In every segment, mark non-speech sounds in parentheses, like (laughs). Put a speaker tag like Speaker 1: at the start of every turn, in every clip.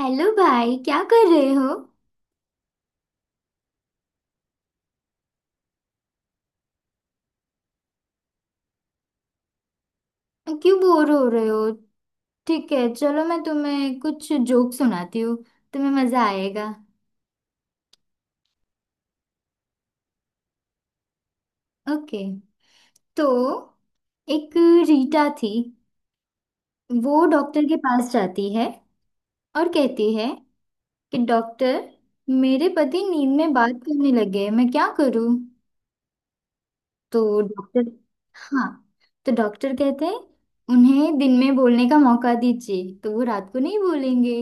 Speaker 1: Hello भाई, क्या कर रहे हो। क्यों बोर हो रहे हो। ठीक है चलो, मैं तुम्हें कुछ जोक सुनाती हूँ। तुम्हें मजा आएगा। ओके। तो एक रीटा थी। वो डॉक्टर के पास जाती है और कहती है कि डॉक्टर, मेरे पति नींद में बात करने लगे, मैं क्या करूँ। तो डॉक्टर, हाँ, तो डॉक्टर कहते हैं उन्हें दिन में बोलने का मौका दीजिए तो वो रात को नहीं बोलेंगे।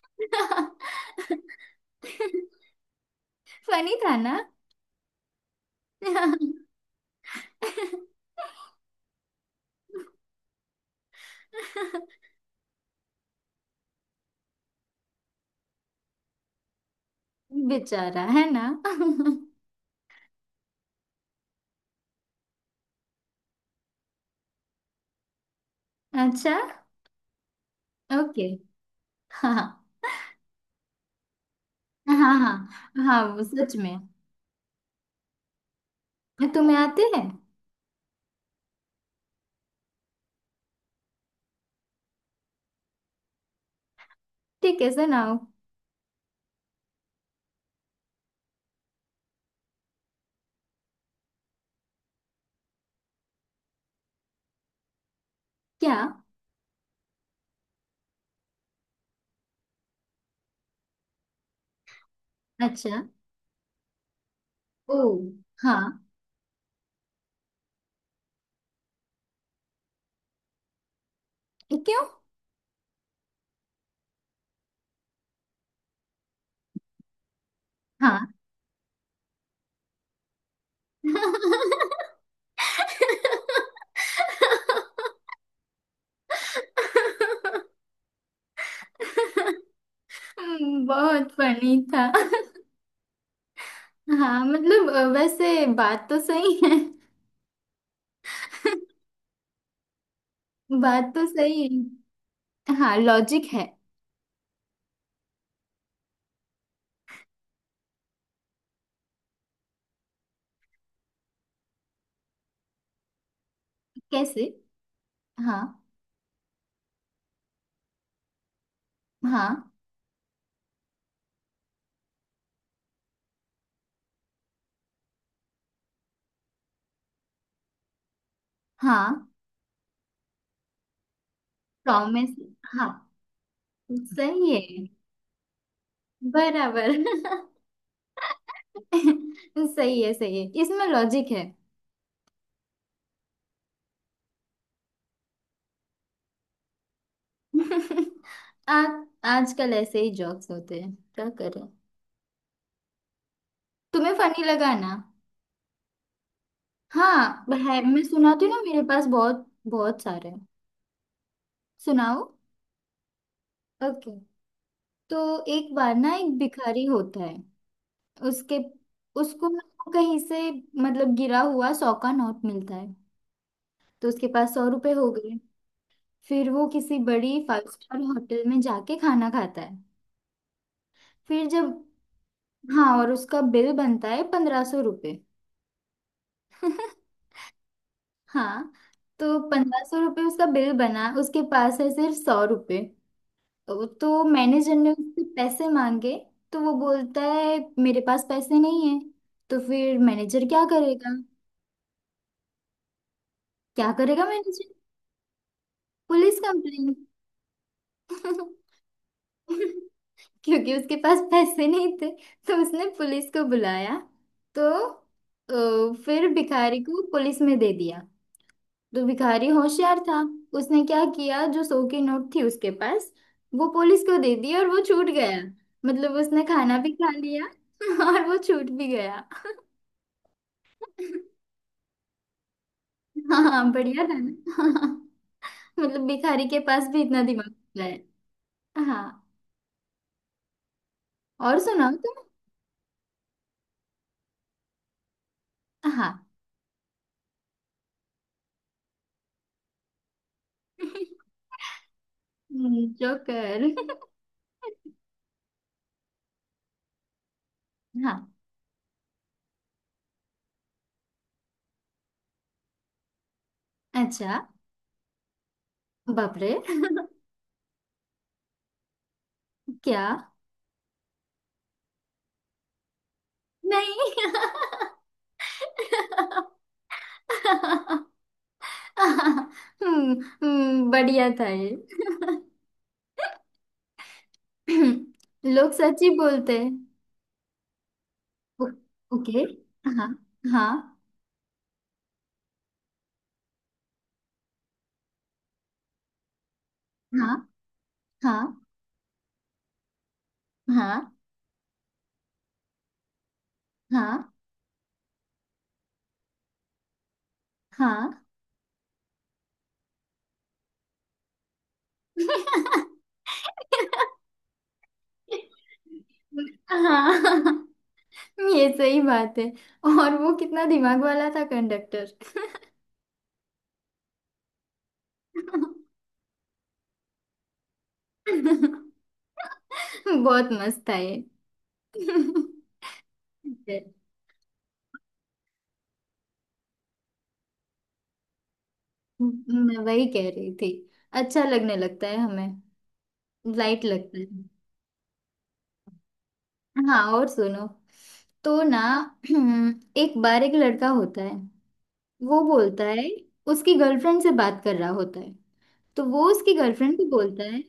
Speaker 1: (laughs) फनी था ना। (laughs) बेचारा है ना। (laughs) अच्छा। ओके। हाँ हाँ हाँ हाँ, वो सच में। हाँ, तुम्हें आते हैं। ठीक है, सुनाओ। क्या। अच्छा। ओ। हाँ। क्यों। हाँ। (laughs) बहुत फनी था। हाँ मतलब, वैसे बात तो सही है। (laughs) बात तो सही है हाँ, लॉजिक है। कैसे। हाँ हाँ हाँ। प्रॉमिस। हाँ, सही है। बराबर। (laughs) सही है सही है, इसमें लॉजिक है। (laughs) आ, आजकल ऐसे ही जॉक्स होते हैं, क्या करें। तुम्हें फनी लगा ना। हाँ है, मैं सुनाती हूँ ना, मेरे पास बहुत बहुत सारे हैं। सुनाओ। ओके। तो एक बार ना, एक भिखारी होता है। उसके उसको ना कहीं से, मतलब गिरा हुआ 100 का नोट मिलता है। तो उसके पास 100 रुपए हो गए। फिर वो किसी बड़ी फाइव स्टार होटल में जाके खाना खाता है। फिर जब, हाँ, और उसका बिल बनता है 1500 रुपये। (laughs) हाँ। तो 1500 रुपये उसका बिल बना, उसके पास है सिर्फ 100 रुपये। तो मैनेजर ने उससे पैसे मांगे। तो वो बोलता है मेरे पास पैसे नहीं है। तो फिर मैनेजर क्या करेगा। क्या करेगा मैनेजर। Police complain. (laughs) क्योंकि उसके पास पैसे नहीं थे तो उसने पुलिस को बुलाया। तो फिर भिखारी को पुलिस में दे दिया। तो भिखारी होशियार था। उसने क्या किया, जो 100 की नोट थी उसके पास, वो पुलिस को दे दी और वो छूट गया। मतलब उसने खाना भी खा लिया (laughs) और वो छूट भी गया। हाँ, बढ़िया था ना। (laughs) हाँ, मतलब भिखारी के पास भी इतना दिमाग होता है। हाँ, और सुनाओ तुम। हाँ। (laughs) जोकर। हाँ। अच्छा। बाप रे। क्या। नहीं। (laughs) हम्म। बढ़िया था ये। (clears throat) लोग सच ही बोलते हैं। ओ- ओके। हाँ हाँ हाँ हाँ। हाँ हाँ हाँ हाँ। ये सही बात है। और वो कितना दिमाग वाला था कंडक्टर। (laughs) बहुत मस्त था ये। (laughs) मैं वही कह रही थी। अच्छा लगने लगता है हमें। लाइट लगता है। हाँ, और सुनो। तो ना, (clears throat) एक बार एक लड़का होता है। वो बोलता है, उसकी गर्लफ्रेंड से बात कर रहा होता है। तो वो उसकी गर्लफ्रेंड को बोलता है।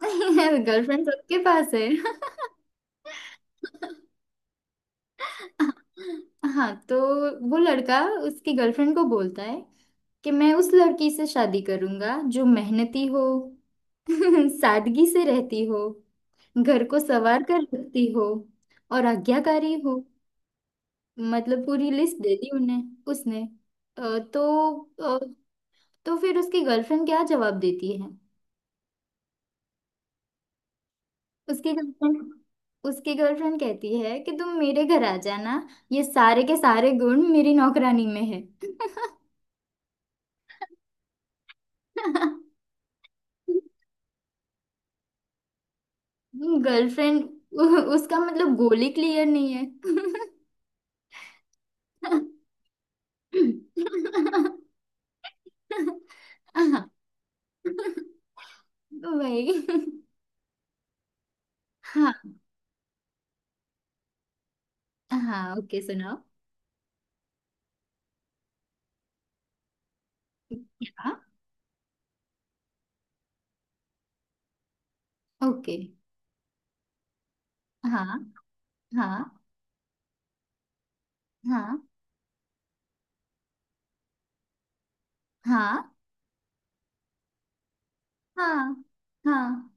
Speaker 1: (laughs) गर्लफ्रेंड सबके पास है। (laughs) हाँ तो वो लड़का उसकी गर्लफ्रेंड को बोलता है कि मैं उस लड़की से शादी करूंगा जो मेहनती हो, (laughs) सादगी से रहती हो, घर को संवार कर रखती हो और आज्ञाकारी हो। मतलब पूरी लिस्ट दे दी उन्हें उसने। अ, तो अ, तो फिर उसकी गर्लफ्रेंड क्या जवाब देती है। उसकी गर्लफ्रेंड, उसकी गर्लफ्रेंड कहती है कि तुम मेरे घर आ जाना, ये सारे के सारे गुण मेरी नौकरानी में है। (laughs) गर्लफ्रेंड। (laughs) उसका मतलब गोली क्लियर नहीं है। (laughs) वही। हाँ हाँ, ओके सुनाओ। हाँ ओके। हाँ हाँ हाँ हाँ। हाँ हाँ।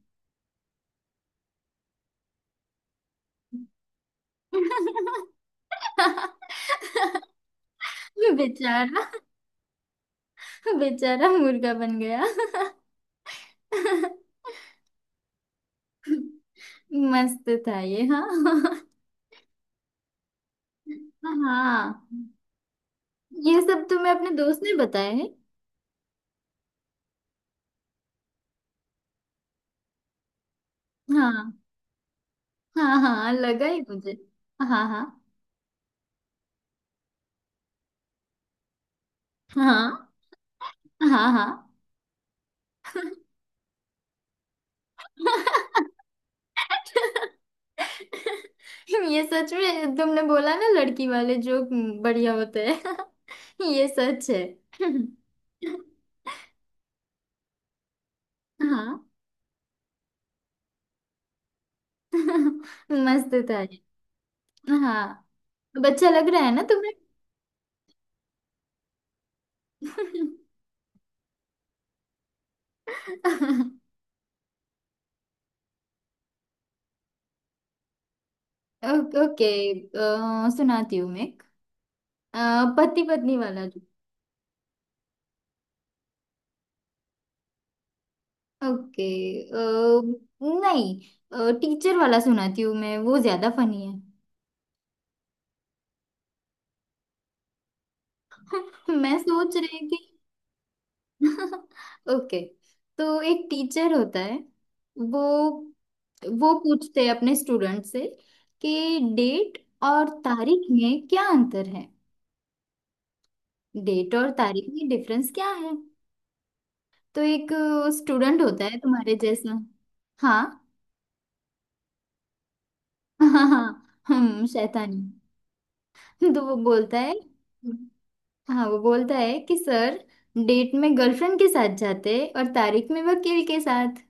Speaker 1: (laughs) बेचारा। बेचारा मुर्गा बन गया। (laughs) मस्त था ये। हाँ। हाँ, ये सब तो मैं अपने दोस्त ने बताया है। हाँ। हाँ हाँ लगा ही मुझे। हाँ हाँ। हाँ हाँ हाँ। (laughs) ये सच में, तुमने बोला ना, लड़की वाले जोक बढ़िया होते हैं। (laughs) ये सच है। (laughs) हाँ, मस्त था ये। हाँ, अब अच्छा लग रहा है ना तुम्हें। (laughs) ओके ओके, सुनाती हूँ मैं एक, पति पत्नी वाला। ओके, नहीं टीचर वाला सुनाती हूँ मैं, वो ज्यादा फनी है। (laughs) मैं सोच रही थी। (laughs) ओके। तो एक टीचर होता है। वो वो पूछते हैं अपने स्टूडेंट से कि डेट और तारीख में क्या अंतर है। डेट और तारीख में डिफरेंस क्या है। तो एक स्टूडेंट होता है तुम्हारे जैसा। हाँ। (laughs) हाँ हाँ हाँ, हम शैतानी। (laughs) तो वो बोलता है, हाँ वो बोलता है कि सर, डेट में गर्लफ्रेंड के साथ जाते और तारीख में वकील के साथ।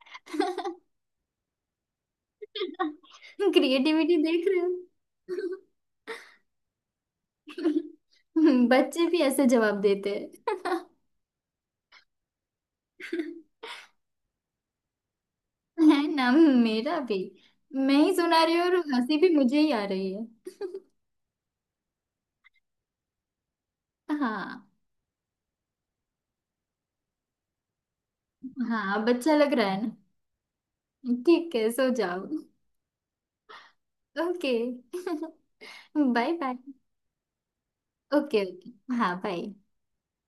Speaker 1: (laughs) क्रिएटिविटी देख रहे हो। (laughs) बच्चे भी ऐसे जवाब देते हैं। (laughs) है ना। मेरा भी। मैं ही सुना रही हूँ और हंसी भी मुझे ही आ रही है। हाँ। हाँ, अब अच्छा लग रहा है ना। ठीक है सो जाओ। Okay. (laughs) Bye bye. Okay okay. हाँ, बाय।